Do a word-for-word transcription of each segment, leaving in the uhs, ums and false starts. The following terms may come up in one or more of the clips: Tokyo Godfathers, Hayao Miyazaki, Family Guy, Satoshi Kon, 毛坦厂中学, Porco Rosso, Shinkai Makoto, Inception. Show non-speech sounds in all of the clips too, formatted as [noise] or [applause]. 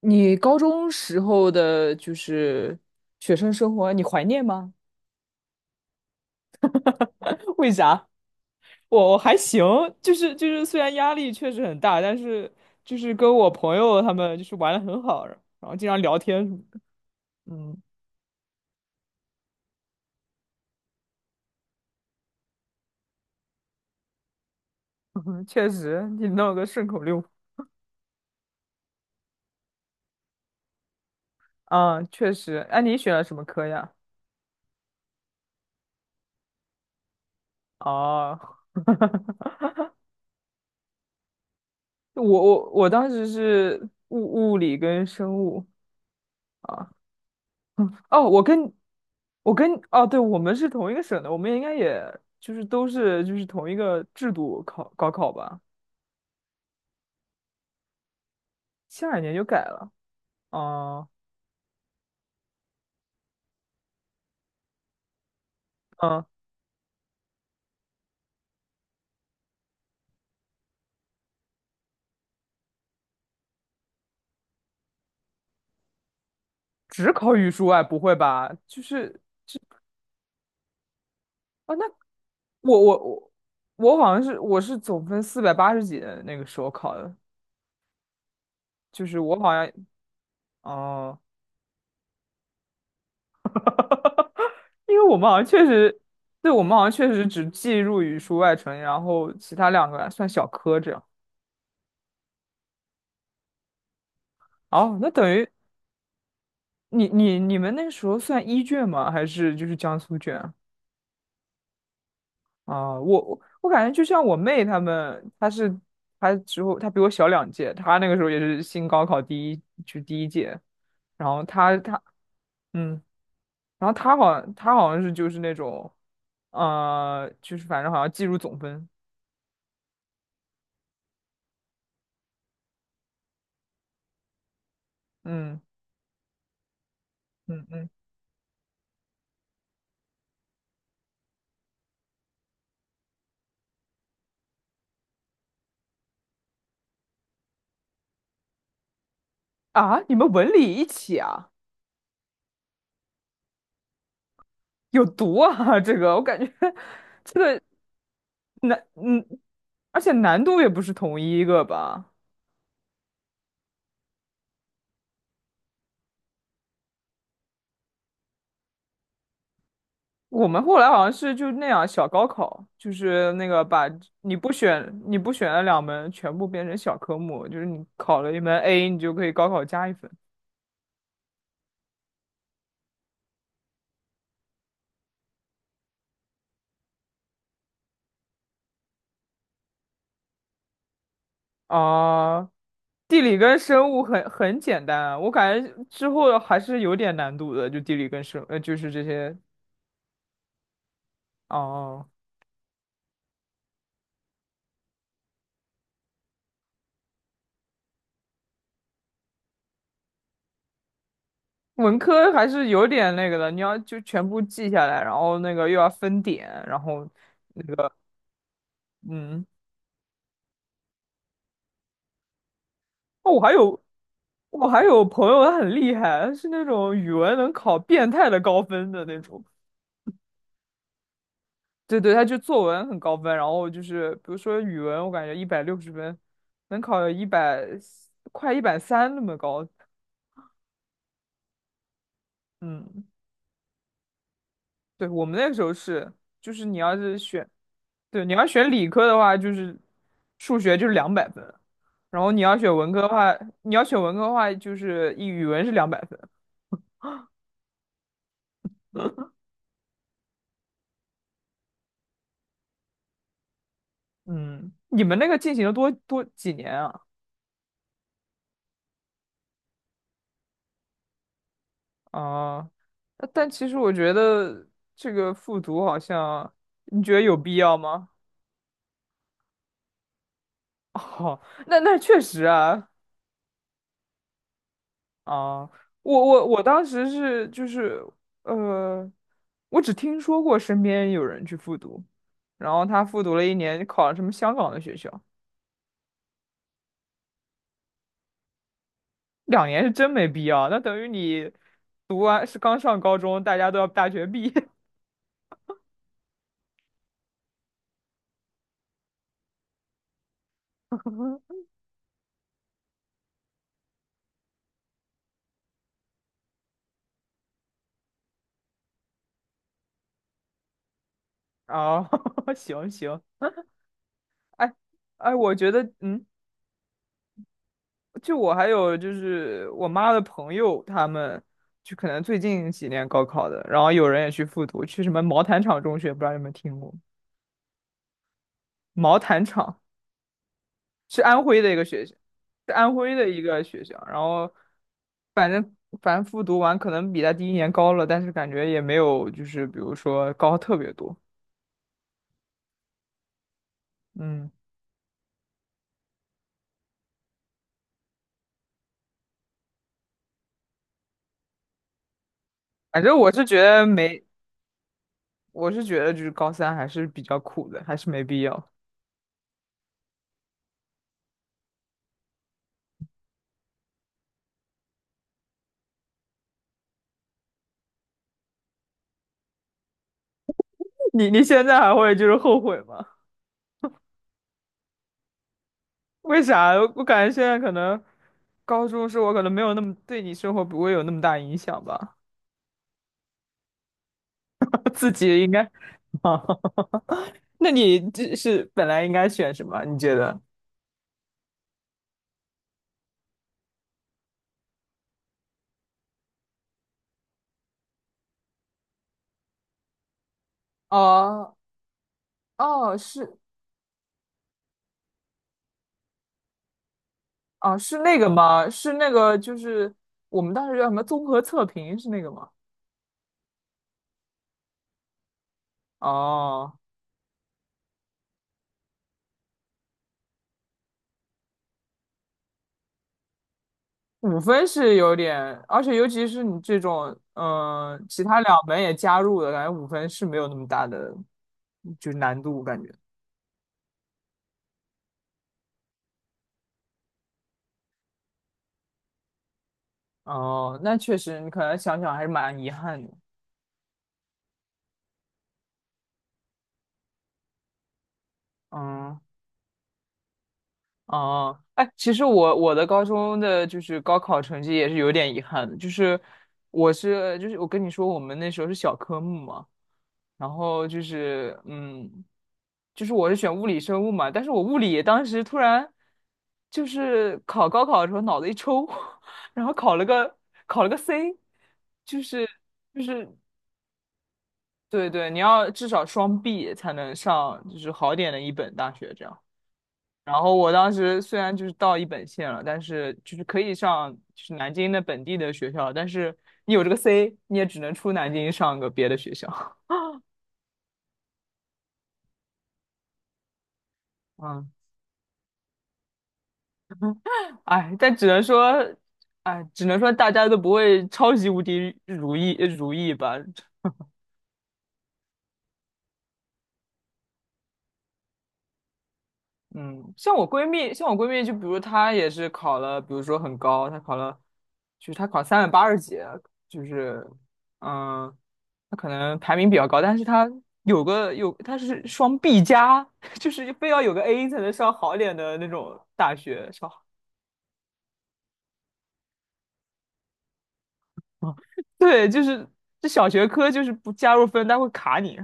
你高中时候的就是学生生活，你怀念吗？[laughs] 为啥？我我还行，就是就是，虽然压力确实很大，但是就是跟我朋友他们就是玩的很好，然后经常聊天什么的。嗯。[laughs] 确实，你弄个顺口溜。嗯，确实。哎，你选了什么科呀？哦。[laughs] 我我我当时是物物理跟生物啊。嗯哦，我跟我跟哦，对，我们是同一个省的，我们应该也就是都是就是同一个制度考高考吧？下一年就改了。哦。嗯，只考语数外，不会吧？就是哦，那我我我我好像是我是总分四百八十几的那个时候考的，就是我好像哦。因为我们好像确实，对，我们好像确实只计入语数外成绩，然后其他两个算小科这样。哦，那等于。你你你们那个时候算一卷吗？还是就是江苏卷啊？啊我我我感觉就像我妹她们，她是她之后她比我小两届，她那个时候也是新高考第一就第一届，然后她她嗯，然后她好像她好像是就是那种，呃，就是反正好像计入总分。嗯嗯。嗯啊，你们文理一起啊？有毒啊！[laughs] 这个我感觉 [laughs] 这个难。嗯，而且难度也不是同一个吧。我们后来好像是就那样小高考，就是那个把你不选你不选的两门全部变成小科目，就是你考了一门 A，你就可以高考加一分。啊、地理跟生物很很简单啊，我感觉之后还是有点难度的，就地理跟生呃就是这些。哦。文科还是有点那个的，你要就全部记下来，然后那个又要分点，然后。嗯。哦，我还有我还有朋友，他很厉害，他是那种语文能考变态的高分的那种。对对，他就作文很高分，然后就是比如说语文，我感觉一百六十分，能考一百快一百三那么高。嗯，对，我们那个时候是，就是你要是选，对，你要选理科的话，就是数学就是两百分，然后你要选文科的话，你要选文科的话，就是一语文是两百分。嗯，你们那个进行了多多几年啊？啊，那但其实我觉得这个复读好像，你觉得有必要吗？[laughs] 哦，那那确实啊。啊，我我我当时是就是呃，我只听说过身边有人去复读，然后他复读了一年，考了什么香港的学校。两年是真没必要，那等于你读完是刚上高中，大家都要大学毕业。 [laughs] 啊。[laughs] 行行。哎哎，我觉得。嗯。就我还有就是我妈的朋友，他们就可能最近几年高考的，然后有人也去复读，去什么毛坦厂中学，不知道你有没有听过？毛坦厂是安徽的一个学校，是安徽的一个学校，然后反正反正复读完可能比他第一年高了，但是感觉也没有就是比如说高特别多。嗯，反正我是觉得没，我是觉得就是高三还是比较苦的，还是没必要。[laughs] 你你现在还会就是后悔吗？为啥？我感觉现在可能高中是我可能没有那么对你生活不会有那么大影响吧。[laughs] 自己应该。啊。[laughs] 那你这是本来应该选什么？你觉得？哦哦，是哦，是那个吗？是那个，就是我们当时叫什么综合测评是那个吗？哦，五分是有点，而且尤其是你这种，嗯、其他两门也加入了，感觉五分是没有那么大的，就是难度感觉。哦，那确实，你可能想想还是蛮遗憾的。嗯，哦，哎，其实我我的高中的就是高考成绩也是有点遗憾的，就是我是就是我跟你说，我们那时候是小科目嘛，然后就是嗯，就是我是选物理生物嘛，但是我物理当时突然就是考高考的时候脑子一抽。[laughs] 然后考了个考了个 C。就是就是对对，你要至少双 B 才能上，就是好点的一本大学这样。然后我当时虽然就是到一本线了，但是就是可以上就是南京的本地的学校，但是你有这个 C，你也只能出南京上个别的学校。[laughs] 嗯，哎，但只能说，哎，只能说大家都不会超级无敌如意呃如意吧。嗯，像我闺蜜，像我闺蜜，就比如她也是考了，比如说很高，她考了，就是她考三百八十几，就是。嗯，她可能排名比较高，但是她有个有，她是双 B 加，[laughs] 就是非要有个 A 才能上好点的那种大学，上好。[laughs] 对，就是这小学科就是不加入分，它会卡你。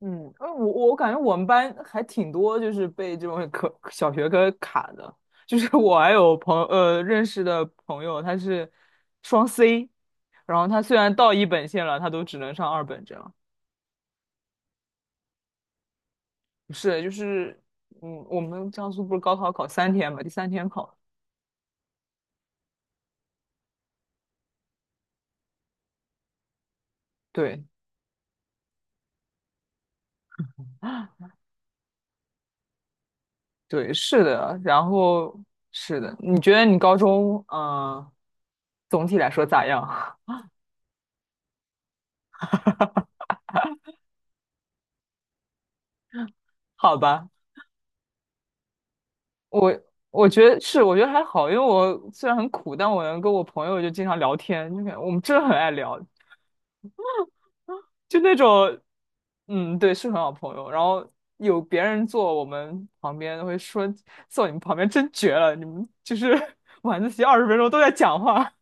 嗯，呃我我感觉我们班还挺多，就是被这种科小学科卡的。就是 [laughs] 我还有朋呃认识的朋友，他是双 C，然后他虽然到一本线了，他都只能上二本这样。不是，就是嗯，我们江苏不是高考考三天嘛，第三天考。对对，是的。然后是的，你觉得你高中嗯、呃总体来说咋样？[laughs] 好吧。我我觉得是，我觉得还好，因为我虽然很苦，但我能跟我朋友就经常聊天，就感我们真的很爱聊，就那种。嗯，对，是很好朋友。然后有别人坐我们旁边，会说坐你们旁边真绝了，你们就是 [laughs] 晚自习二十分钟都在讲话。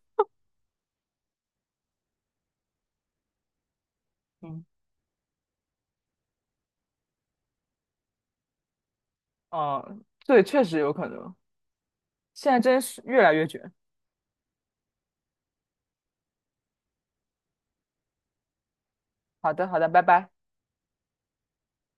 嗯，啊，对，确实有可能，现在真是越来越卷。好的，好的，拜拜。